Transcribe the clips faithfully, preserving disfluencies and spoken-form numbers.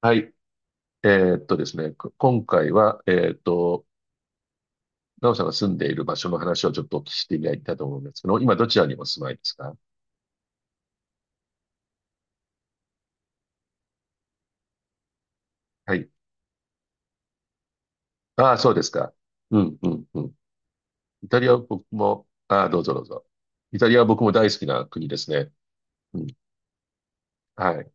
はい。えーっとですね、こ今回は、えーっと、なおさんが住んでいる場所の話をちょっとお聞きしてみたいと思うんですけど、今どちらにお住まいですか？はい。ああ、そうですか。うん、うん、うん。イタリアは僕も、ああ、どうぞどうぞ。イタリアは僕も大好きな国ですね。うん。はい。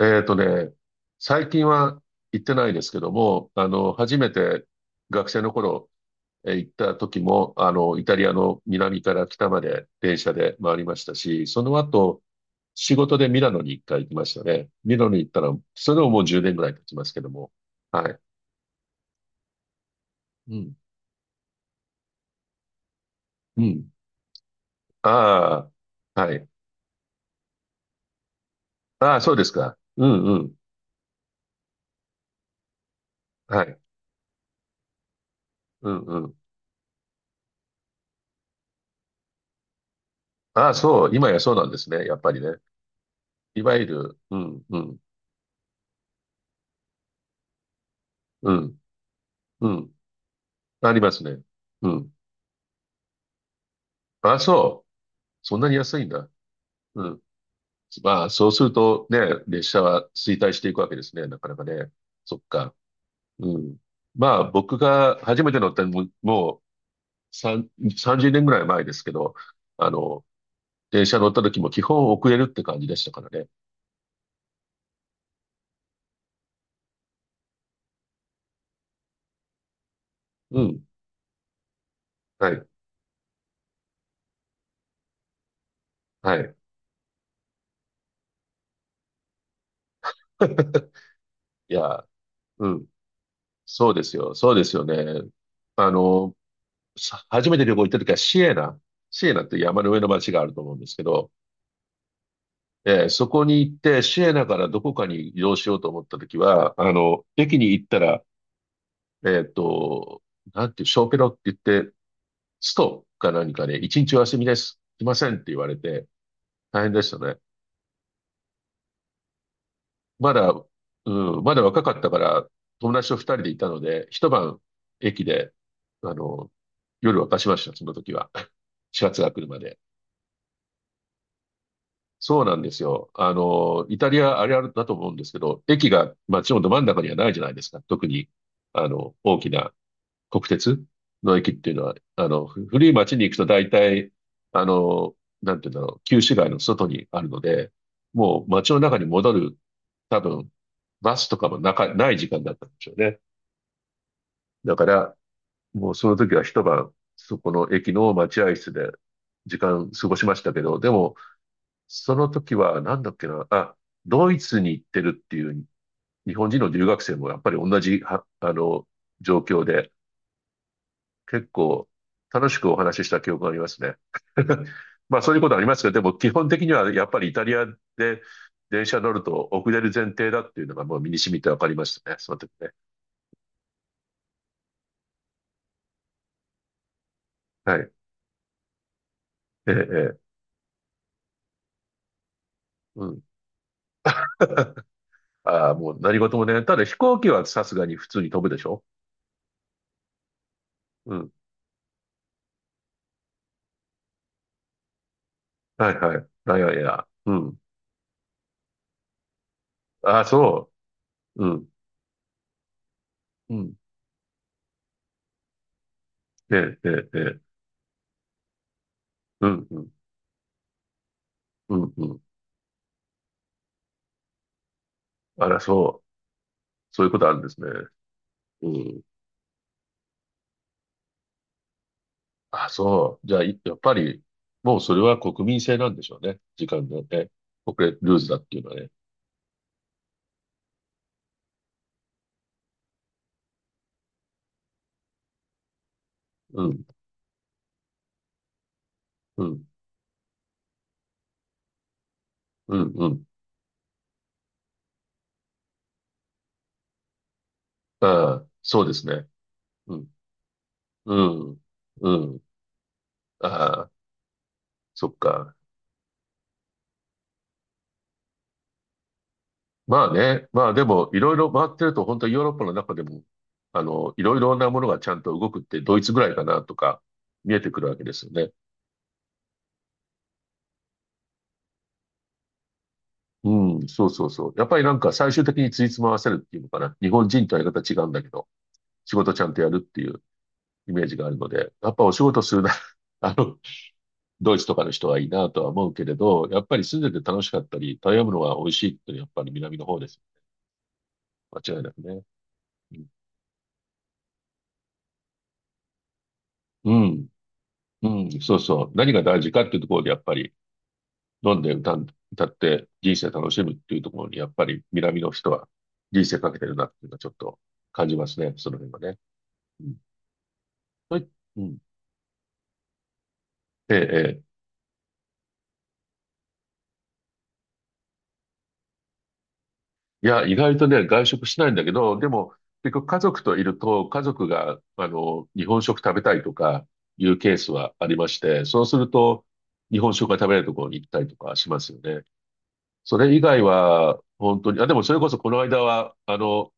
えーっとね、最近は行ってないですけども、あの、初めて学生の頃、えー行った時も、あの、イタリアの南から北まで電車で回りましたし、その後、仕事でミラノにいっかい行きましたね。ミラノに行ったら、それでももうじゅうねんぐらい経ちますけども。はい。うん。うん。ああ、はい。ああ、そうですか。うんうん。はい。うんうん。ああ、そう。今やそうなんですね。やっぱりね。いわゆる、うんうんうんうん。ありますね。うん。ああ、そう。そんなに安いんだ。うん。まあ、そうするとね、列車は衰退していくわけですね、なかなかね。そっか。うん。まあ、僕が初めて乗ったのも、もうさん、さんじゅうねんぐらい前ですけど、あの、電車乗った時も基本遅れるって感じでしたからね。うん。はい。はい。いや、うん。そうですよ。そうですよね。あの、さ初めて旅行行った時はシエナ。シエナって山の上の町があると思うんですけど、えーそこに行って、シエナからどこかに移動しようと思ったときは、あの、駅に行ったら、えっと、なんていう、小ペロって言って、ストか何かね、いちにちお休みです。来ませんって言われて、大変でしたね。まだ、うん、まだ若かったから、友達とふたりでいたので、一晩駅で、あの、夜沸かしました、その時は。始発が来るまで。そうなんですよ。あの、イタリアあれあるだと思うんですけど、駅が街のど真ん中にはないじゃないですか。特に、あの、大きな国鉄の駅っていうのは、あの、ふ古い街に行くと大体、あの、なんていうんだろう、旧市街の外にあるので、もう街の中に戻る、多分、バスとかもなか、ない時間だったんでしょうね。だから、もうその時は一晩、そこの駅の待合室で時間過ごしましたけど、でも、その時は、なんだっけな、あ、ドイツに行ってるっていう日本人の留学生もやっぱり同じは、あの、状況で、結構楽しくお話しした記憶がありますね。まあそういうことありますけど、でも基本的にはやっぱりイタリアで電車乗ると遅れる前提だっていうのがもう身に染みてわかりましたね、その時ね。はい。ええ、ええ、うん。ああ、もう何事もね。ただ飛行機はさすがに普通に飛ぶでしょ？うん。はいはい。いやいやいや。うん。ああ、そう。うん。うん。ええ、ええ、ええ。うん、うん、うん、うん。あら、そう。そういうことあるんですね。うん。あ、そう。じゃあ、いやっぱり、もうそれは国民性なんでしょうね。時間のね。遅れ、ルーズだっていうのはね。うん、うん、うん、うん。ああ、そうですね。うん、うん、うん。ああ、そっか。まあね。まあでも、いろいろ回ってると、本当にヨーロッパの中でも、あの、いろいろなものがちゃんと動くって、ドイツぐらいかなとか、見えてくるわけですよね。うん、そうそうそう。やっぱりなんか最終的についつま合わせるっていうのかな。日本人とやり方違うんだけど、仕事ちゃんとやるっていうイメージがあるので、やっぱお仕事するな、あの、ドイツとかの人はいいなとは思うけれど、やっぱり住んでて楽しかったり、食べ物が美味しいっていうのはやっぱり南の方です。間違いなくね。うん、うん、うんそうそう。何が大事かっていうところでやっぱり飲んで歌ん、歌って人生楽しむっていうところにやっぱり南の人は人生かけてるなっていうのはちょっと感じますね。その辺はね。うん。はい。うんええ、ええ。いや、意外とね、外食しないんだけど、でも、結局家族といると、家族が、あの、日本食食べたいとかいうケースはありまして、そうすると、日本食が食べれるところに行ったりとかしますよね。それ以外は、本当に、あ、でもそれこそこの間は、あの、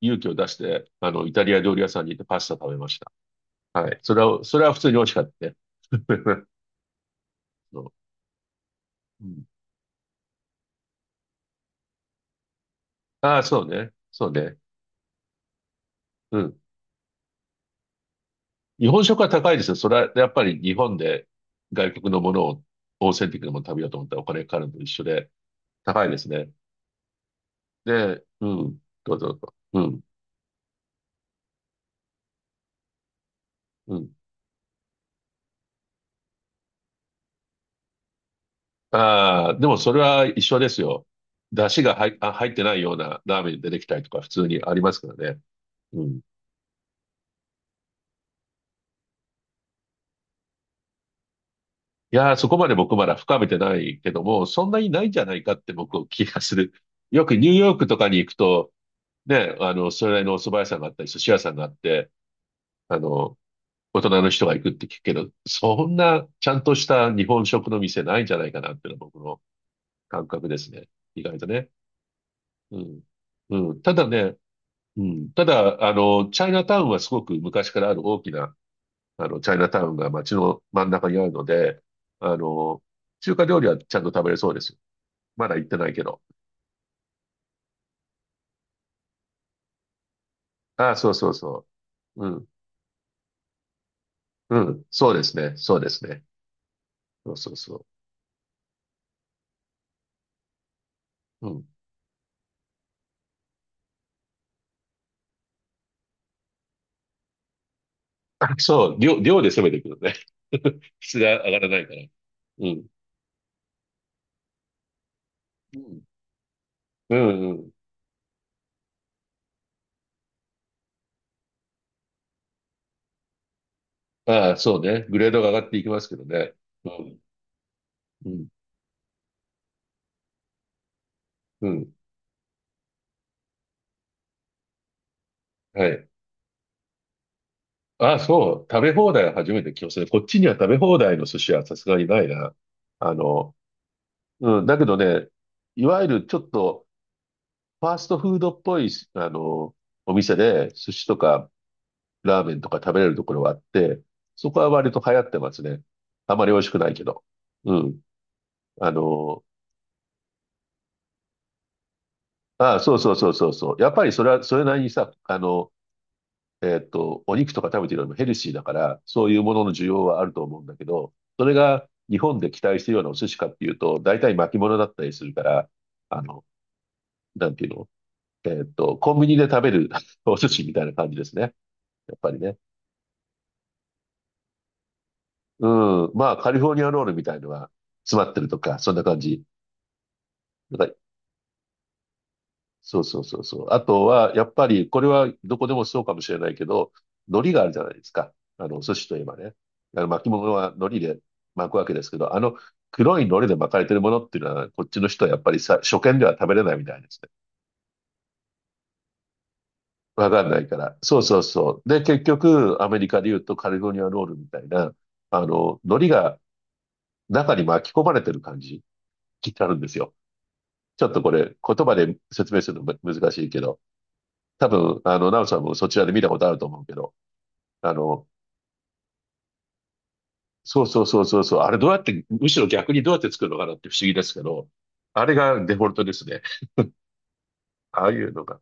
勇気を出して、あの、イタリア料理屋さんに行ってパスタ食べました。はい。それは、それは普通に美味しかったね。そううん、ああ、そうね。そうね。うん。日本食は高いですよ。それはやっぱり日本で外国のものをオーセンティックなものを食べようと思ったらお金かかるのと一緒で高いですね。で、うん、どうぞどうぞ。うん、うん。ああ、でもそれは一緒ですよ。出汁が入、あ、入ってないようなラーメン出てきたりとか普通にありますからね。うん。いやー、そこまで僕まだ深めてないけども、そんなにないんじゃないかって僕は気がする。よくニューヨークとかに行くと、ね、あの、それなりのお蕎麦屋さんがあったり、寿司屋さんがあって、あの、大人の人が行くって聞くけど、そんなちゃんとした日本食の店ないんじゃないかなっていうのは僕の感覚ですね。意外とね。うん。うん。ただね、うん。ただ、あの、チャイナタウンはすごく昔からある大きな、あの、チャイナタウンが街の真ん中にあるので、あの、中華料理はちゃんと食べれそうですよ。まだ行ってないけど。ああ、そうそうそう。うん。うん。そうですね。そうですね。そうそうそう。うん。あそう、量、量で攻めていくのね。質が上がらないから。うん。うん。うんうん。ああ、そうね。グレードが上がっていきますけどね。うん。うん。うん。はい。ああ、そう。食べ放題は初めて聞きましたね。こっちには食べ放題の寿司はさすがにないな。あの、うん。だけどね、いわゆるちょっとファーストフードっぽい、あの、お店で寿司とかラーメンとか食べれるところはあって、そこは割と流行ってますね。あまり美味しくないけど。うん。あの、ああ、そうそうそうそうそう。やっぱりそれは、それなりにさ、あの、えーっと、お肉とか食べてるよりもヘルシーだから、そういうものの需要はあると思うんだけど、それが日本で期待してるようなお寿司かっていうと、大体巻物だったりするから、あの、なんていうのえーっと、コンビニで食べる お寿司みたいな感じですね。やっぱりね。うん。まあ、カリフォルニアロールみたいのが詰まってるとか、そんな感じ。そうそうそうそう。あとは、やっぱり、これはどこでもそうかもしれないけど、海苔があるじゃないですか。あの、お寿司といえばね。あの巻き物は海苔で巻くわけですけど、あの黒い海苔で巻かれてるものっていうのは、こっちの人はやっぱりさ、初見では食べれないみたいですね。わかんないから。そうそうそう。で、結局、アメリカで言うとカリフォルニアロールみたいな、あの、海苔が中に巻き込まれてる感じになるんですよ。ちょっとこれ、言葉で説明するのむ難しいけど、多分、あの、ナオさんもそちらで見たことあると思うけど、あの、そうそうそうそうそう、あれどうやって、むしろ逆にどうやって作るのかなって不思議ですけど、あれがデフォルトですね。ああいうのが。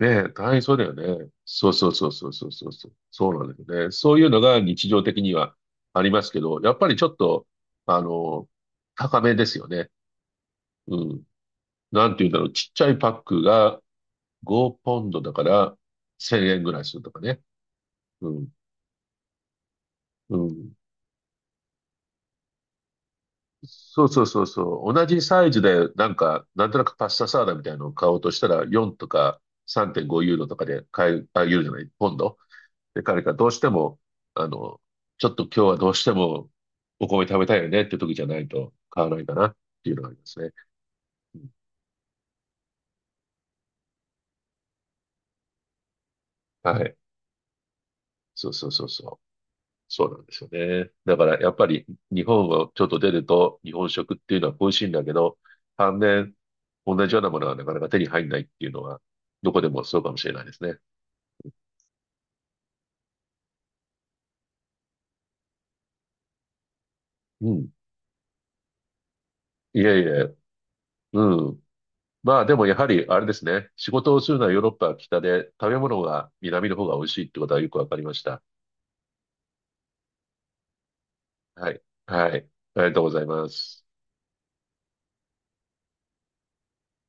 ねえ、大変そうだよね。そうそうそうそうそうそうそう。そうなんだよね。そういうのが日常的にはありますけど、やっぱりちょっと、あの、高めですよね。うん。なんて言うんだろう。ちっちゃいパックがごポンドだからせんえんぐらいするとかね。うん。うん。そうそうそうそう。同じサイズで、なんか、なんとなくパスタサラダみたいなのを買おうとしたら、よんとかさんてんごユーロとかで買え、あ、ユーロじゃない、ポンド。で、彼がどうしても、あの、ちょっと今日はどうしてもお米食べたいよねって時じゃないと買わないかなっていうのがありますね。うんはい。そうそうそうそう。そうなんですよね。だからやっぱり日本をちょっと出ると日本食っていうのは恋しいんだけど、反面同じようなものはなかなか手に入んないっていうのはどこでもそうかもしれないですね。うん。いえいえ。うん。まあでもやはりあれですね。仕事をするのはヨーロッパは北で、食べ物が南の方が美味しいってことはよくわかりました。はい。はい。ありがとうございます。